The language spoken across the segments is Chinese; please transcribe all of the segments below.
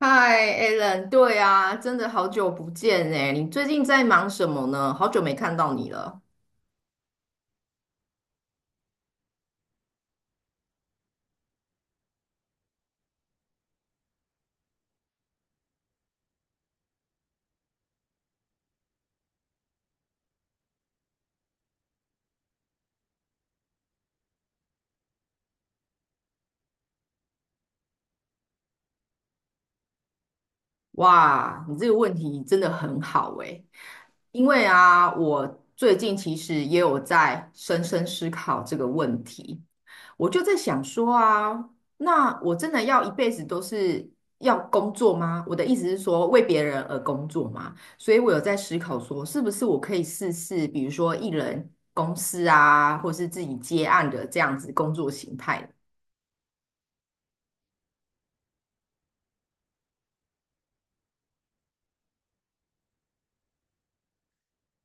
嗨，Alan，对啊，真的好久不见哎，你最近在忙什么呢？好久没看到你了。哇，你这个问题真的很好诶，因为啊，我最近其实也有在深深思考这个问题，我就在想说啊，那我真的要一辈子都是要工作吗？我的意思是说为别人而工作吗？所以我有在思考说，是不是我可以试试，比如说艺人公司啊，或是自己接案的这样子工作形态呢？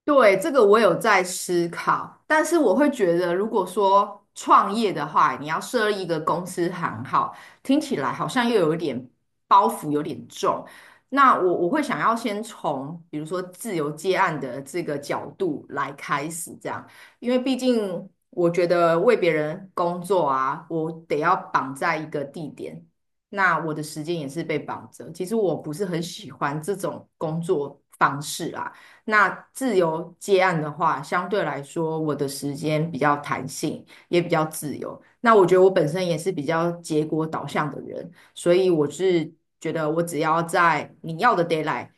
对，这个我有在思考，但是我会觉得，如果说创业的话，你要设立一个公司行号，听起来好像又有一点包袱，有点重。那我会想要先从比如说自由接案的这个角度来开始，这样，因为毕竟我觉得为别人工作啊，我得要绑在一个地点，那我的时间也是被绑着。其实我不是很喜欢这种工作方式啦。那自由接案的话，相对来说我的时间比较弹性，也比较自由。那我觉得我本身也是比较结果导向的人，所以我是觉得我只要在你要的 deadline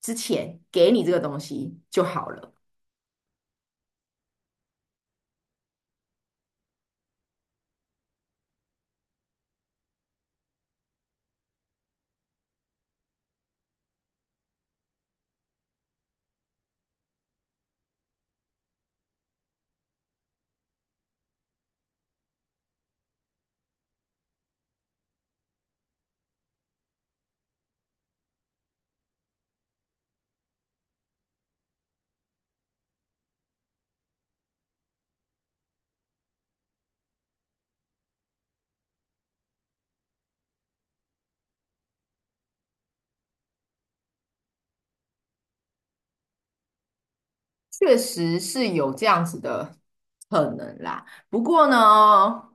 之前给你这个东西就好了。确实是有这样子的可能啦。不过呢，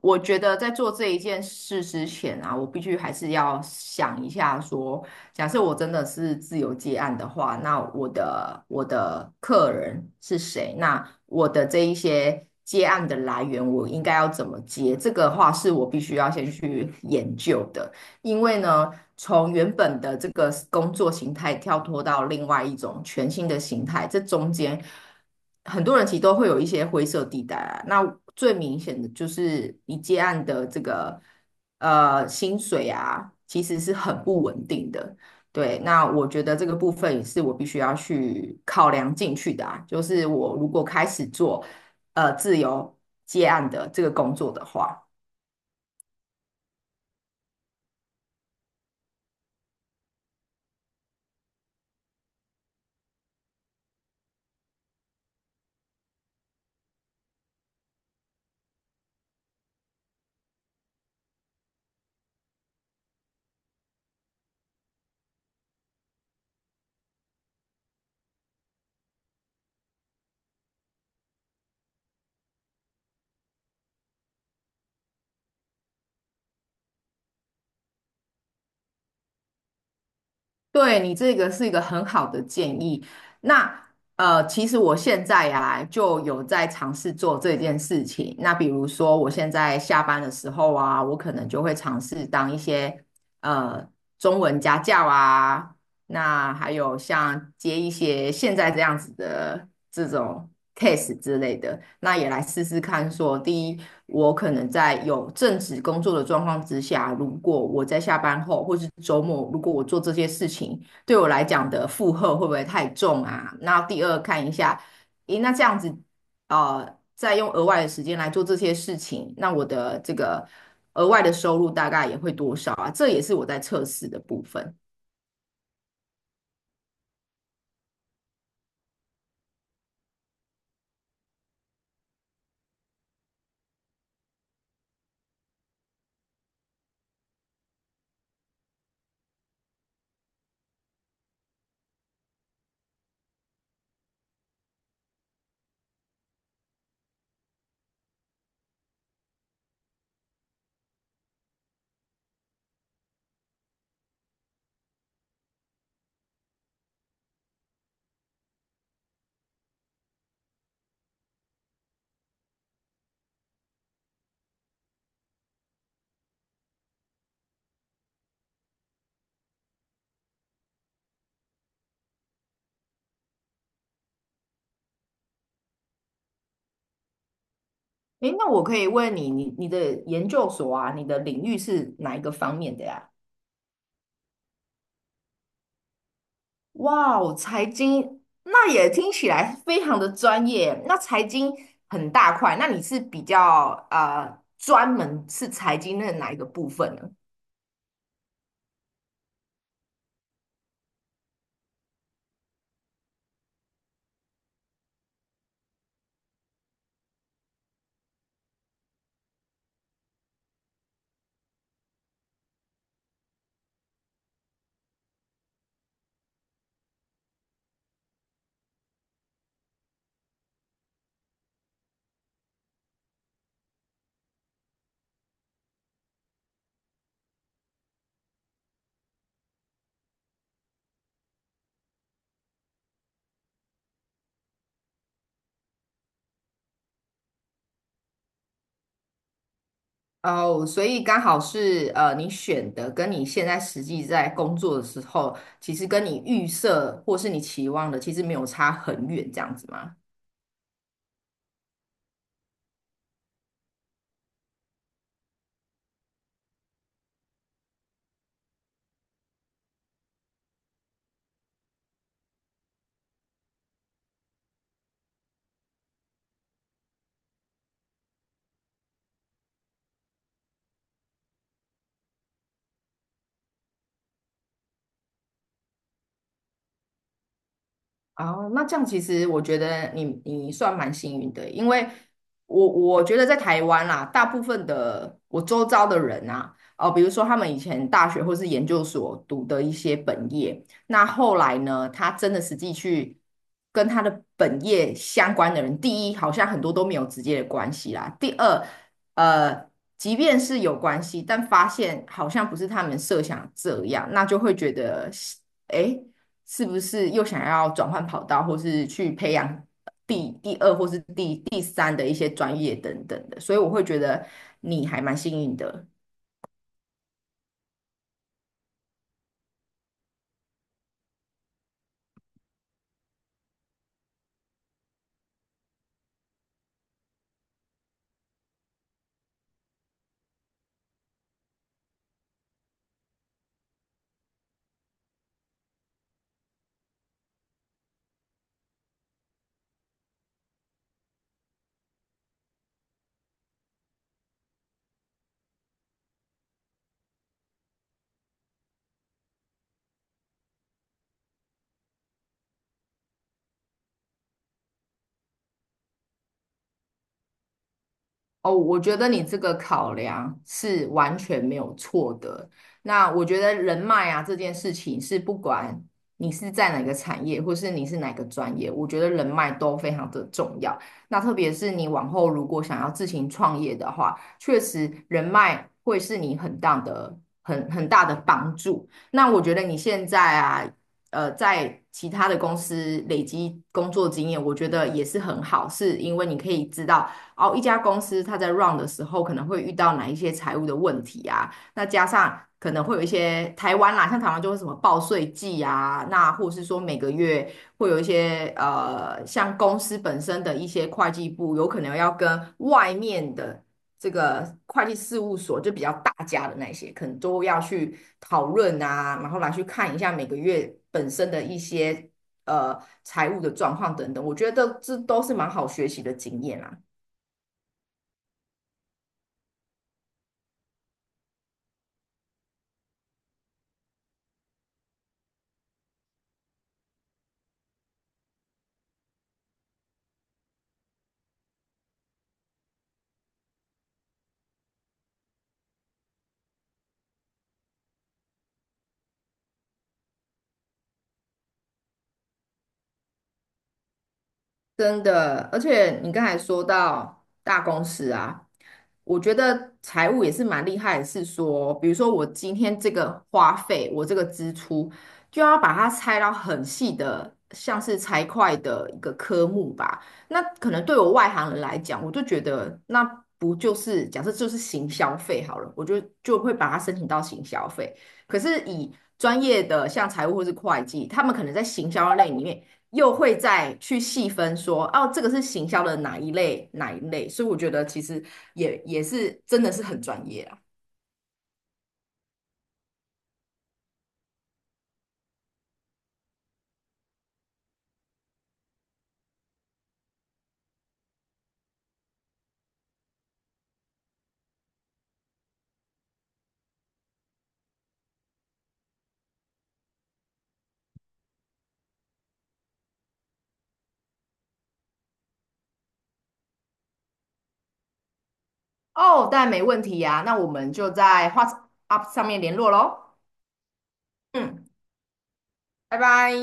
我觉得在做这一件事之前啊，我必须还是要想一下说，假设我真的是自由接案的话，那我的客人是谁？那我的这一些接案的来源，我应该要怎么接？这个话是我必须要先去研究的。因为呢，从原本的这个工作形态跳脱到另外一种全新的形态，这中间很多人其实都会有一些灰色地带啊。那最明显的就是你接案的这个薪水啊，其实是很不稳定的。对，那我觉得这个部分也是我必须要去考量进去的啊。就是我如果开始做自由接案的这个工作的话。对，你这个是一个很好的建议。那其实我现在呀、就有在尝试做这件事情。那比如说，我现在下班的时候啊，我可能就会尝试当一些呃中文家教啊，那还有像接一些现在这样子的这种 case 之类的，那也来试试看说，第一，我可能在有正职工作的状况之下，如果我在下班后或是周末，如果我做这些事情，对我来讲的负荷会不会太重啊？那第二，看一下，咦，那这样子，呃，再用额外的时间来做这些事情，那我的这个额外的收入大概也会多少啊？这也是我在测试的部分。诶，那我可以问你，你的研究所啊，你的领域是哪一个方面的呀？哇哦，财经，那也听起来非常的专业。那财经很大块，那你是比较专门是财经的哪一个部分呢？哦，所以刚好是你选的跟你现在实际在工作的时候，其实跟你预设或是你期望的，其实没有差很远，这样子吗？哦，那这样其实我觉得你算蛮幸运的，因为我觉得在台湾啦，大部分的我周遭的人啊，哦、比如说他们以前大学或是研究所读的一些本业，那后来呢，他真的实际去跟他的本业相关的人，第一，好像很多都没有直接的关系啦；第二，呃，即便是有关系，但发现好像不是他们设想这样，那就会觉得，诶。是不是又想要转换跑道，或是去培养第二或是第三的一些专业等等的，所以我会觉得你还蛮幸运的。哦，我觉得你这个考量是完全没有错的。那我觉得人脉啊这件事情是不管你是在哪个产业，或是你是哪个专业，我觉得人脉都非常的重要。那特别是你往后如果想要自行创业的话，确实人脉会是你很大的、很大的帮助。那我觉得你现在啊。在其他的公司累积工作经验，我觉得也是很好，是因为你可以知道哦，一家公司它在 run 的时候可能会遇到哪一些财务的问题啊？那加上可能会有一些台湾啦，像台湾就会什么报税季啊，那或是说每个月会有一些像公司本身的一些会计部有可能要跟外面的这个会计事务所，就比较大家的那些，可能都要去讨论啊，然后来去看一下每个月本身的一些呃财务的状况等等。我觉得这都是蛮好学习的经验啦。真的，而且你刚才说到大公司啊，我觉得财务也是蛮厉害的，是说，比如说我今天这个花费，我这个支出，就要把它拆到很细的，像是财会的一个科目吧。那可能对我外行人来讲，我就觉得那不就是假设就是行消费好了，我就会把它申请到行消费。可是以专业的像财务或是会计，他们可能在行销类里面。又会再去细分说，哦，这个是行销的哪一类哪一类，所以我觉得其实也是真的是很专业啊。哦，当然没问题呀、那我们就在 WhatsApp 上面联络喽。嗯，拜拜。